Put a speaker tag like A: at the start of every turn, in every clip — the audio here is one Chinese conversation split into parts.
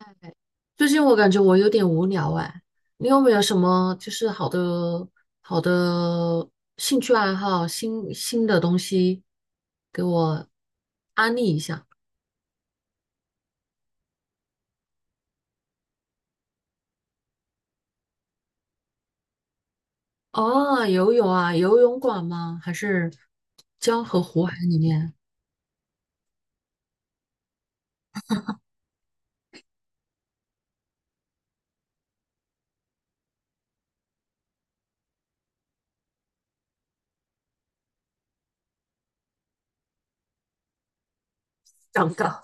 A: 哎最近我感觉我有点无聊哎，你有没有什么就是好的兴趣爱好、新的东西给我安利一下？哦，游泳啊，游泳馆吗？还是江河湖海里面？长岗。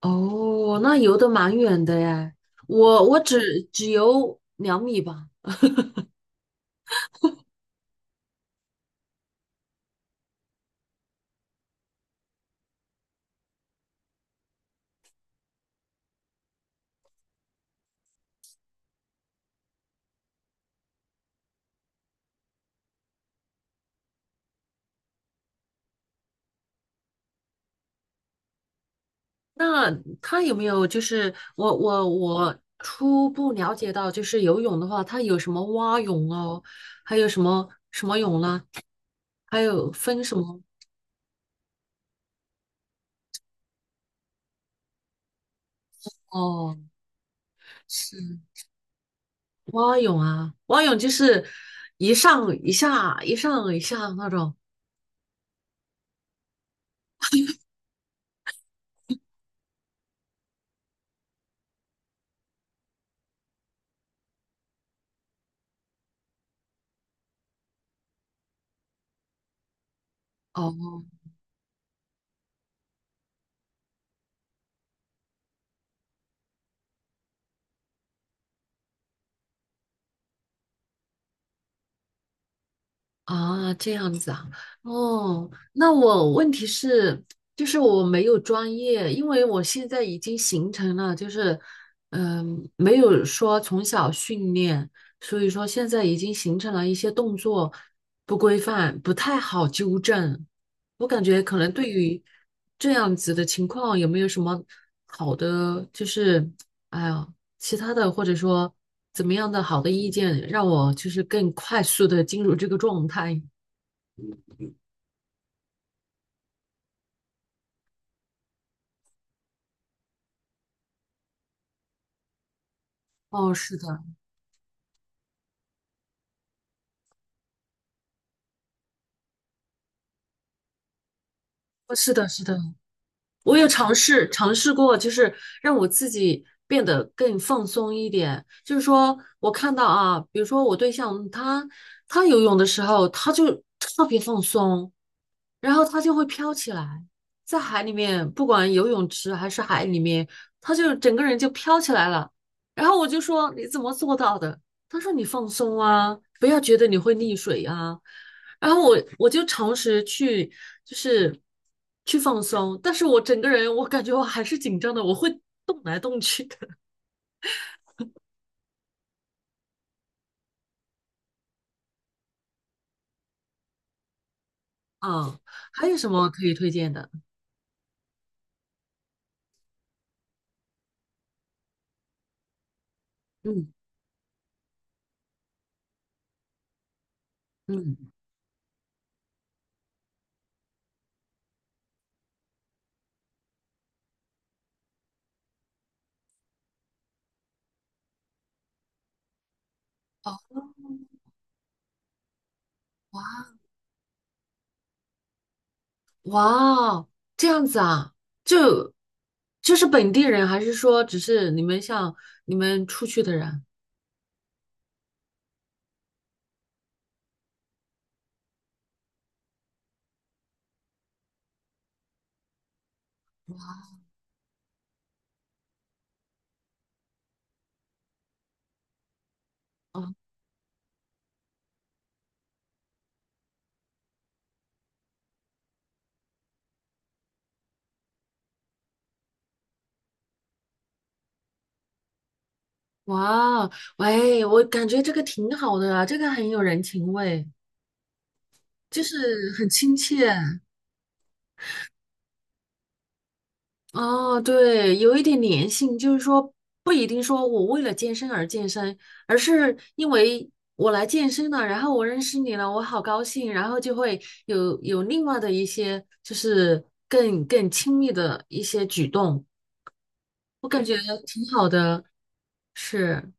A: 哦，那游的蛮远的哎，我只游2米吧。那他有没有就是我初步了解到，就是游泳的话，它有什么蛙泳哦，还有什么什么泳啦，还有分什么哦，是蛙泳啊，蛙泳就是一上一下一上一下那种。哦。啊，这样子啊，哦，那我问题是，就是我没有专业，因为我现在已经形成了，就是，没有说从小训练，所以说现在已经形成了一些动作不规范，不太好纠正。我感觉可能对于这样子的情况，有没有什么好的，就是，哎呀。其他的或者说怎么样的好的意见，让我就是更快速的进入这个状态。哦，是的，哦是的是的，我有尝试尝试过，就是让我自己变得更放松一点。就是说我看到啊，比如说我对象他游泳的时候，他就特别放松，然后它就会飘起来，在海里面，不管游泳池还是海里面，它就整个人就飘起来了。然后我就说你怎么做到的？他说你放松啊，不要觉得你会溺水啊。然后我就尝试去就是去放松，但是我整个人我感觉我还是紧张的，我会动来动去的。啊，还有什么可以推荐的？嗯嗯，哦哇哦这样子啊，就就是本地人，还是说只是你们像你们出去的人？哦，哇，喂，我感觉这个挺好的啊，这个很有人情味，就是很亲切。哦，对，有一点粘性，就是说不一定说我为了健身而健身，而是因为我来健身了，然后我认识你了，我好高兴，然后就会有另外的一些就是更亲密的一些举动，我感觉挺好的，是。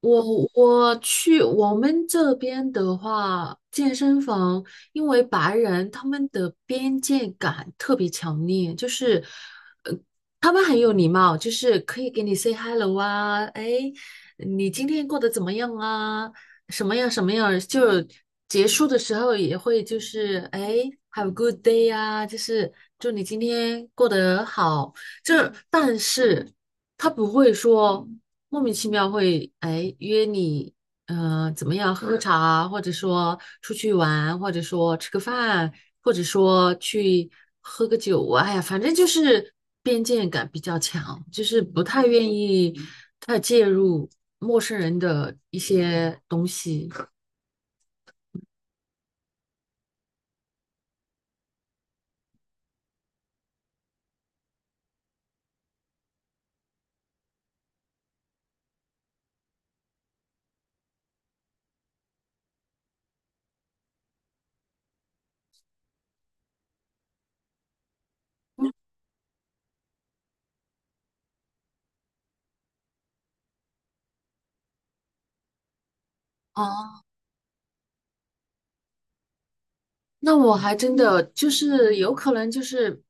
A: 我去我们这边的话，健身房因为白人他们的边界感特别强烈，就是，呃，他们很有礼貌，就是可以给你 say hello 啊，哎，你今天过得怎么样啊？什么样什么样？就结束的时候也会就是哎，have a good day 啊，就是祝你今天过得好。就是但是。他不会说莫名其妙会哎约你，怎么样喝茶啊或者说出去玩，或者说吃个饭，或者说去喝个酒啊，哎呀，反正就是边界感比较强，就是不太愿意太介入陌生人的一些东西。哦，那我还真的就是有可能就是。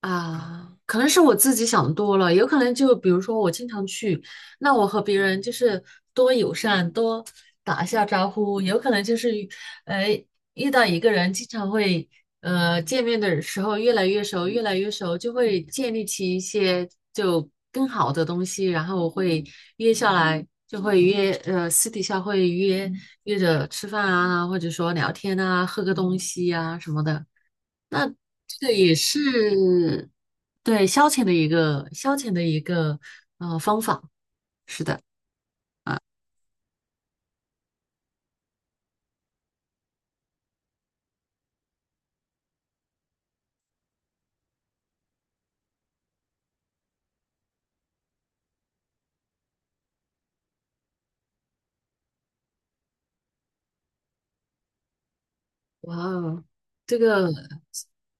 A: 啊，可能是我自己想多了，有可能就比如说我经常去，那我和别人就是多友善，多打一下招呼，有可能就是呃遇到一个人，经常会见面的时候越来越熟，越来越熟，就会建立起一些就更好的东西，然后我会约下来，就会约私底下会约着吃饭啊，或者说聊天啊，喝个东西啊什么的，是。对，消遣的一个方法，是的，哇哦，这个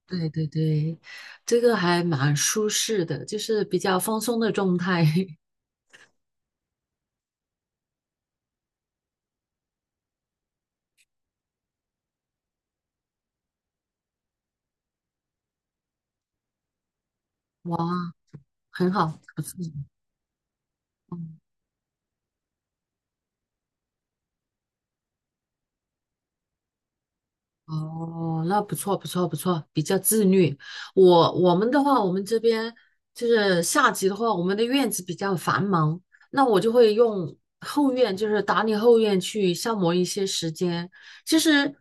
A: 对对对，这个还蛮舒适的，就是比较放松的状态，哇，很好，不错，嗯哦，那不错，不错，不错，比较自律。我们的话，我们这边就是夏季的话，我们的院子比较繁忙，那我就会用后院，就是打理后院去消磨一些时间。其实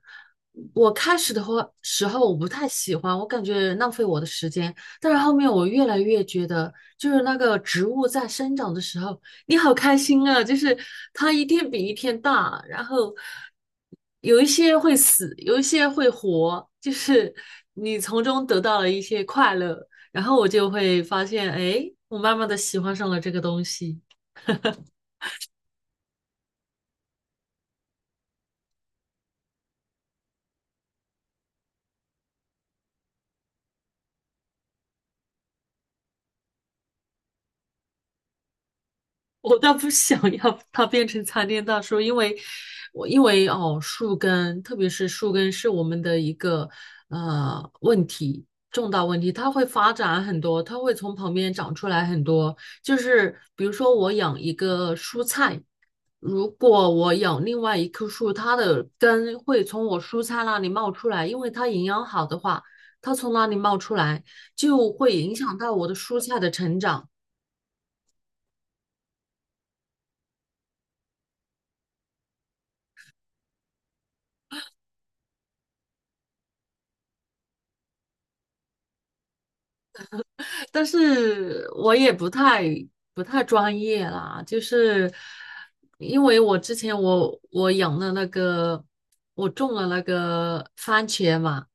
A: 我开始的话时候我不太喜欢，我感觉浪费我的时间，但是后面我越来越觉得，就是那个植物在生长的时候，你好开心啊！就是它一天比一天大，然后有一些会死，有一些会活，就是你从中得到了一些快乐，然后我就会发现，哎，我慢慢的喜欢上了这个东西。我倒不想要它变成参天大树，因为哦，树根，特别是树根是我们的一个问题，重大问题，它会发展很多，它会从旁边长出来很多。就是比如说我养一个蔬菜，如果我养另外一棵树，它的根会从我蔬菜那里冒出来，因为它营养好的话，它从那里冒出来就会影响到我的蔬菜的成长。但是我也不太专业啦，就是因为我之前我养了那个，我种了那个番茄嘛，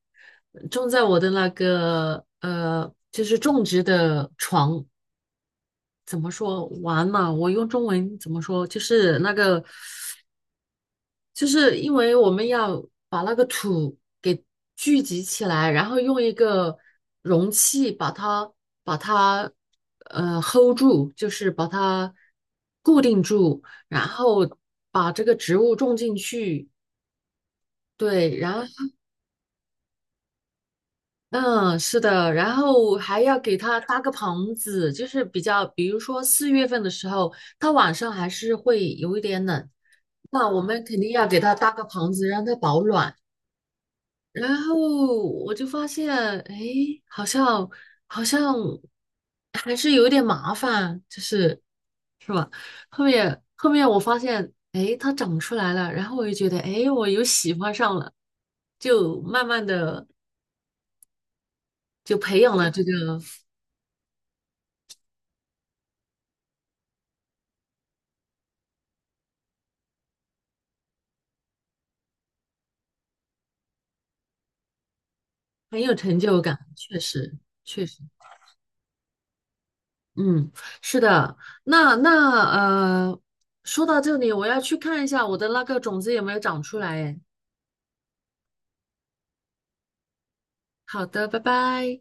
A: 种在我的那个就是种植的床，怎么说完嘛？我用中文怎么说？就是那个就是因为我们要把那个土给聚集起来，然后用一个容器把它hold 住，就是把它固定住，然后把这个植物种进去。对，然后嗯，是的，然后还要给它搭个棚子，就是比较，比如说4月份的时候，它晚上还是会有一点冷，那我们肯定要给它搭个棚子，让它保暖。然后我就发现，哎，好像好像还是有点麻烦，就是是吧？后面我发现，哎，它长出来了，然后我就觉得，哎，我又喜欢上了，就慢慢的就培养了这个，很有成就感，确实确实，嗯，是的。那呃，说到这里，我要去看一下我的那个种子有没有长出来。哎，好的，拜拜。